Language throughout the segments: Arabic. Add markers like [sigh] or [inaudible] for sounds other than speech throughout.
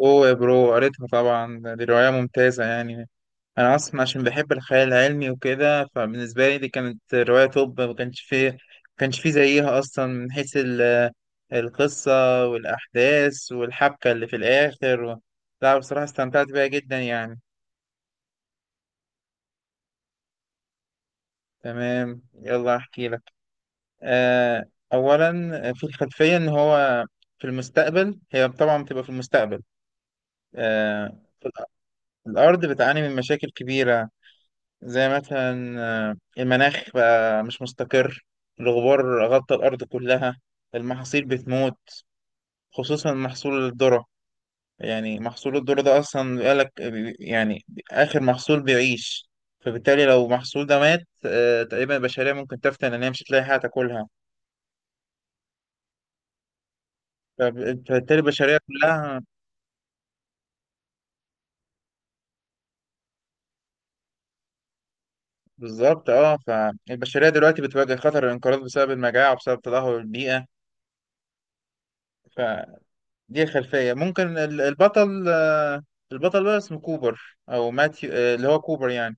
اوه يا برو، قريتها طبعا. دي رواية ممتازة يعني. انا اصلا عشان بحب الخيال العلمي وكده، فبالنسبة لي دي كانت رواية توب. ما كانش فيه زيها اصلا من حيث القصة والاحداث والحبكة اللي في الاخر لا، بصراحة استمتعت بيها جدا يعني. تمام، يلا احكي لك. آه اولا، في الخلفية ان هو في المستقبل، هي طبعا بتبقى في المستقبل. آه الأرض بتعاني من مشاكل كبيرة. زي مثلا المناخ بقى مش مستقر. الغبار غطى الأرض كلها، المحاصيل بتموت، خصوصا محصول الذرة. يعني محصول الذرة ده أصلا بيقالك يعني آخر محصول بيعيش. فبالتالي لو المحصول ده مات، تقريبا البشرية ممكن تفتن إن هي مش هتلاقي حاجة تاكلها. فبالتالي البشرية كلها بالظبط. اه، فالبشرية دلوقتي بتواجه خطر الانقراض بسبب المجاعة وبسبب تدهور البيئة. دي الخلفية. ممكن البطل بقى اسمه كوبر أو ماثيو، اللي هو كوبر يعني.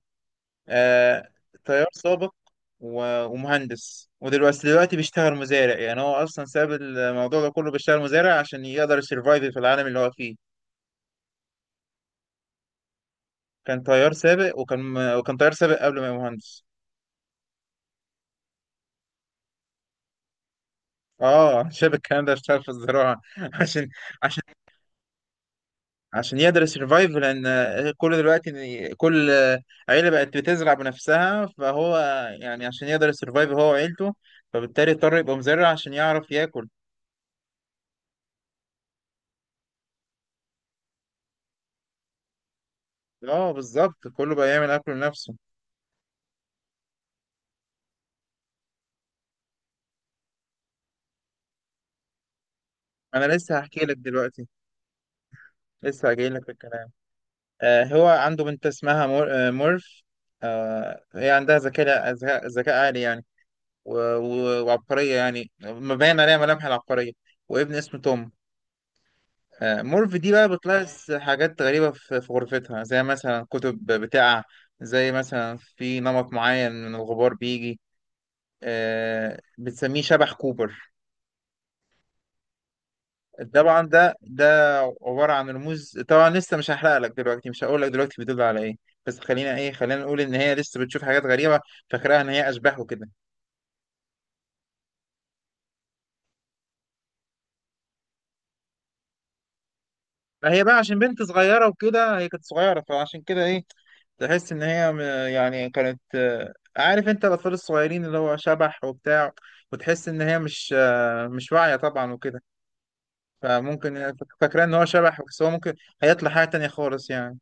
آه، طيار سابق ومهندس، ودلوقتي بيشتغل مزارع. يعني هو أصلا ساب الموضوع ده كله بيشتغل مزارع عشان يقدر يسرفايف في العالم اللي هو فيه. كان طيار سابق وكان طيار سابق قبل ما يبقى مهندس. اه [laughs] شاب الكلام ده اشتغل في الزراعة [laughs] عشان عشان يقدر يسرفايف. لان كل دلوقتي إن كل عيله بقت بتزرع بنفسها، فهو يعني عشان يقدر يسرفايف هو وعيلته، فبالتالي اضطر يبقى مزرع عشان يعرف ياكل. اه بالظبط، كله بقى يعمل اكل لنفسه. انا لسه هحكي لك دلوقتي، لسه هجي لك في الكلام. هو عنده بنت اسمها مورف. هي عندها ذكاء عالي يعني، و... و... وعبقريه، يعني مبين عليها ملامح العبقريه. وابن اسمه توم. مورف دي بقى بتلاحظ حاجات غريبة في غرفتها، زي مثلا كتب بتقع، زي مثلا في نمط معين من الغبار بيجي، بتسميه شبح كوبر. طبعا ده عبارة عن رموز. طبعا لسه مش هحرق لك دلوقتي، مش هقول لك دلوقتي بيدل على ايه. بس خلينا نقول ان هي لسه بتشوف حاجات غريبة، فاكراها ان هي اشباح وكده. فهي بقى عشان بنت صغيرة وكده، هي كانت صغيرة فعشان كده ايه، تحس ان هي يعني كانت، عارف انت الاطفال الصغيرين اللي هو شبح وبتاع، وتحس ان هي مش واعيه طبعا وكده. فممكن هي فاكره ان هو شبح، بس هو ممكن هيطلع حاجه تانية خالص يعني.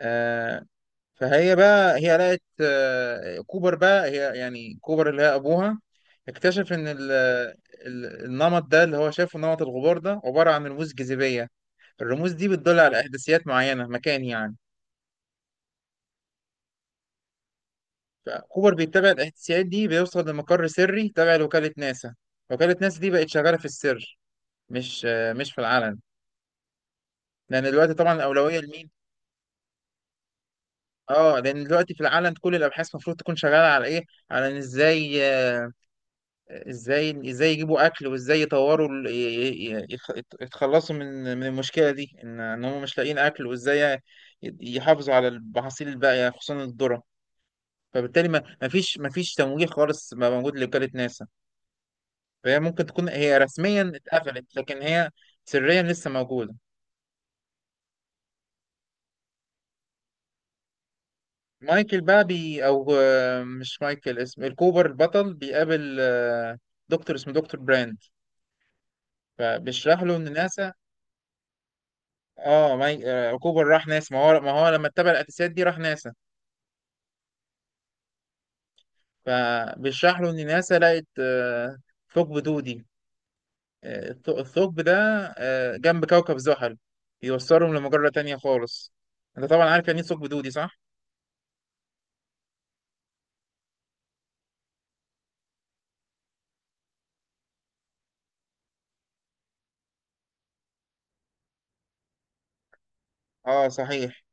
آه، فهي بقى هي لقت، كوبر بقى، هي يعني كوبر اللي هي ابوها، اكتشف ان النمط ده اللي هو شايفه، نمط الغبار ده عباره عن رموز جاذبيه. الرموز دي بتدل على احداثيات معينه، مكان يعني. فكوبر بيتبع الاحتساءات دي بيوصل لمقر سري تبع لوكالة ناسا. وكالة ناسا دي بقت شغالة في السر، مش في العلن. لأن دلوقتي طبعا الأولوية لمين؟ اه، لأن دلوقتي في العلن كل الأبحاث المفروض تكون شغالة على إيه؟ على إن إزاي آه، إزاي إزاي يجيبوا أكل، وإزاي يطوروا يتخلصوا من المشكلة دي، إن هم مش لاقيين أكل، وإزاي يحافظوا على المحاصيل الباقية، خصوصا الذرة. فبالتالي ما فيش تمويل خالص بقى موجود لوكالة ناسا. فهي ممكن تكون هي رسميا اتقفلت، لكن هي سريا لسه موجودة. مايكل بقى، بي أو، مش مايكل، اسم الكوبر البطل، بيقابل دكتور اسمه دكتور براند. فبيشرح له إن ناسا. اه، ماي... آه، كوبر راح ناسا، ما هو لما اتبع القتاسات دي راح ناسا. فبيشرح له إن ناسا لقت ثقب دودي. الثقب ده جنب كوكب زحل بيوصلهم لمجرة تانية خالص. انت طبعا عارف يعني ايه ثقب دودي، صح؟ اه صحيح.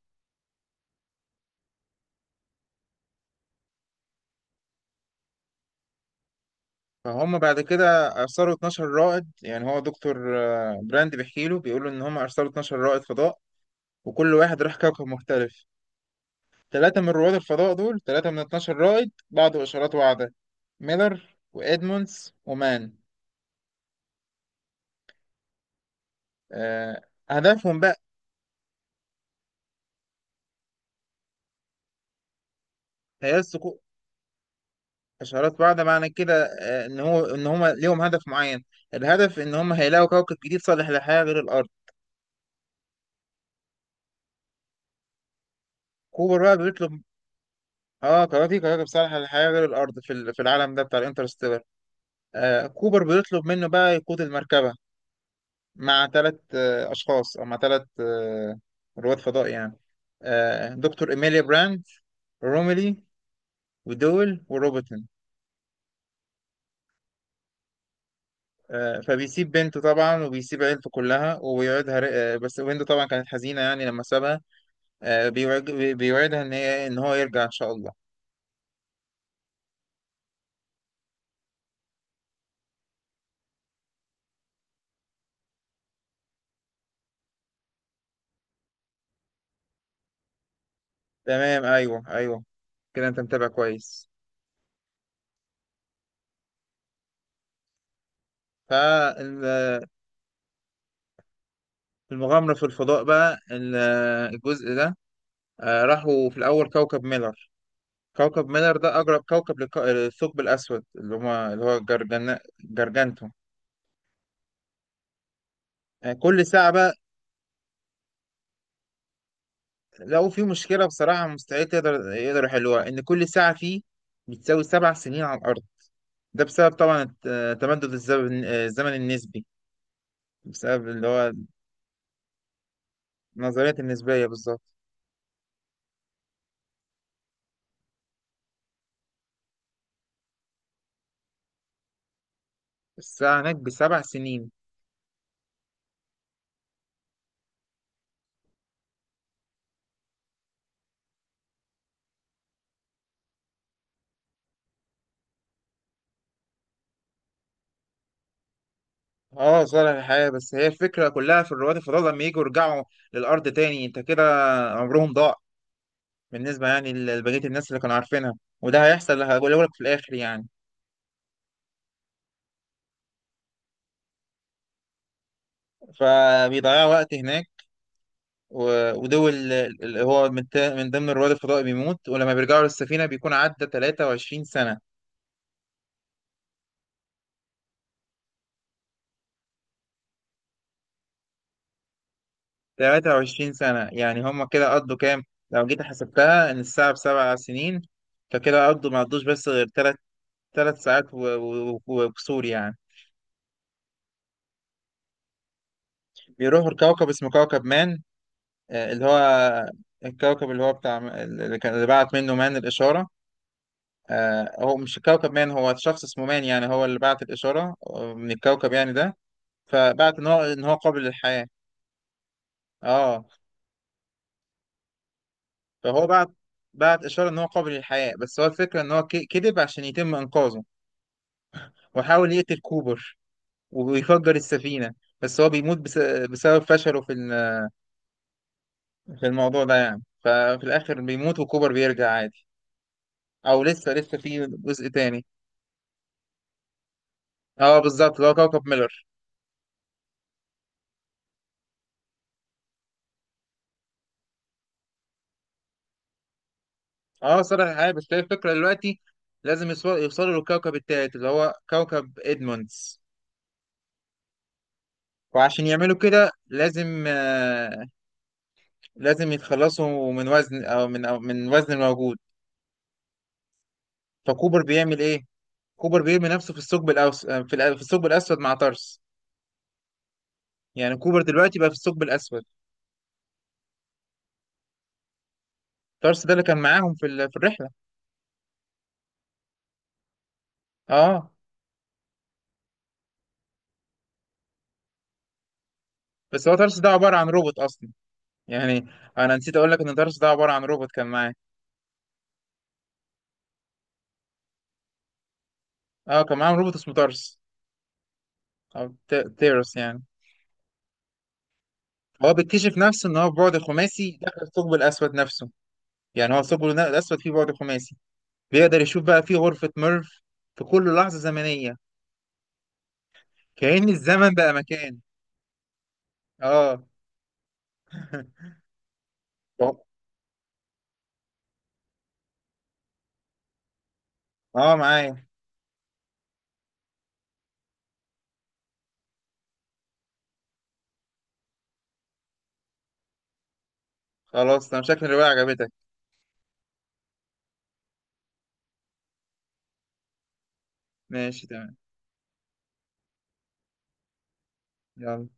فهم بعد كده ارسلوا 12 رائد. يعني هو دكتور براند بيحكي له، بيقول له ان هم ارسلوا 12 رائد فضاء، وكل واحد راح كوكب مختلف. ثلاثة من رواد الفضاء دول، ثلاثة من 12 رائد، بعضوا إشارات واعدة: ميلر وإدموندز ومان. آه، هدفهم بقى تيار سقوط. إشارات واعدة معنى كده إن هو إن هم ليهم هدف معين. الهدف إن هم هيلاقوا كوكب جديد صالح للحياة غير الأرض. كوبر بقى بيطلب، كواكب صالحة للحياة غير الأرض في في العالم ده بتاع الانترستيلر. كوبر بيطلب منه بقى يقود المركبة مع ثلاث أشخاص، أو مع ثلاث رواد فضاء يعني. دكتور إيميليا براند، روميلي، ودول وروبرتون. فبيسيب بنته طبعا وبيسيب عيلته كلها وبيوعدها، بس بنته طبعا كانت حزينة يعني لما سابها. بيوعدها إن هي إن هو يرجع إن شاء الله. تمام، أيوه أيوه، كده أنت متابع كويس. فالمغامرة في الفضاء بقى، الجزء ده، راحوا في الأول كوكب ميلر. كوكب مينر ده أقرب كوكب للثقب الأسود، اللي هما اللي هو جرجانتو. كل ساعة بقى، لقوا فيه مشكلة بصراحة مستحيل يقدروا يحلوها، إن كل ساعة فيه بتساوي 7 سنين على الأرض. ده بسبب طبعا تمدد الزمن، الزمن النسبي، بسبب اللي هو نظرية النسبية بالظبط. الساعة هناك بسبع سنين. اه صالح الحياة، بس هي الفكرة كلها في رواد الفضاء لما يجوا يرجعوا للأرض تاني، انت كده عمرهم ضاع بالنسبة يعني لبقية الناس اللي كانوا عارفينها. وده هيحصل، هقوله لك في الآخر يعني. فبيضيعوا وقت هناك، ودول اللي هو من ضمن رواد الفضاء بيموت، ولما بيرجعوا للسفينة بيكون عدى 23 سنة. 23 سنة، يعني هم كده قضوا كام؟ لو جيت حسبتها إن الساعة بسبع سنين، فكده قضوا ما قضوش بس غير تلات. 3 ساعات و- و- و- وكسور يعني. بيروحوا لكوكب اسمه كوكب مان. اللي هو الكوكب اللي هو بتاع، اللي اللي بعت منه مان الإشارة. هو مش الكوكب مان، هو شخص اسمه مان يعني، هو اللي بعت الإشارة من الكوكب يعني ده. فبعت إن هو قابل للحياة. اه فهو بعت، إشارة إن هو قابل للحياة، بس هو الفكرة إن هو كذب عشان يتم إنقاذه، وحاول يقتل كوبر ويفجر السفينة، بس هو بيموت بس بسبب فشله في في الموضوع ده يعني. ففي الآخر بيموت وكوبر بيرجع عادي. أو لسه، في جزء تاني. اه بالظبط، اللي هو كوكب ميلر. اه صالح الحياة، بس هي الفكرة دلوقتي لازم يوصلوا للكوكب التالت اللي هو كوكب ادموندز. وعشان يعملوا كده لازم يتخلصوا من وزن، او من أو من وزن الموجود. فكوبر بيعمل ايه؟ كوبر بيرمي نفسه في الثقب الاوس آه، في الأ- في الثقب الاسود مع تارس. يعني كوبر دلوقتي بقى في الثقب الاسود. تارس ده اللي كان معاهم في في الرحلة. اه بس هو تارس ده عبارة عن روبوت اصلا، يعني انا نسيت اقول لك ان تارس ده عبارة عن روبوت كان معاه. اه كان معاهم روبوت اسمه تارس، او تيرس يعني. هو بيكتشف نفسه ان هو بعد خماسي داخل الثقب الاسود نفسه. يعني هو الثقب الاسود فيه بعد خماسي، بيقدر يشوف بقى فيه غرفة ميرف في كل لحظة زمنية. كأن الزمن بقى مكان. اه [laughs] اه معايا. خلاص، انا شكل الرواية عجبتك. ماشي، تمام، يلا.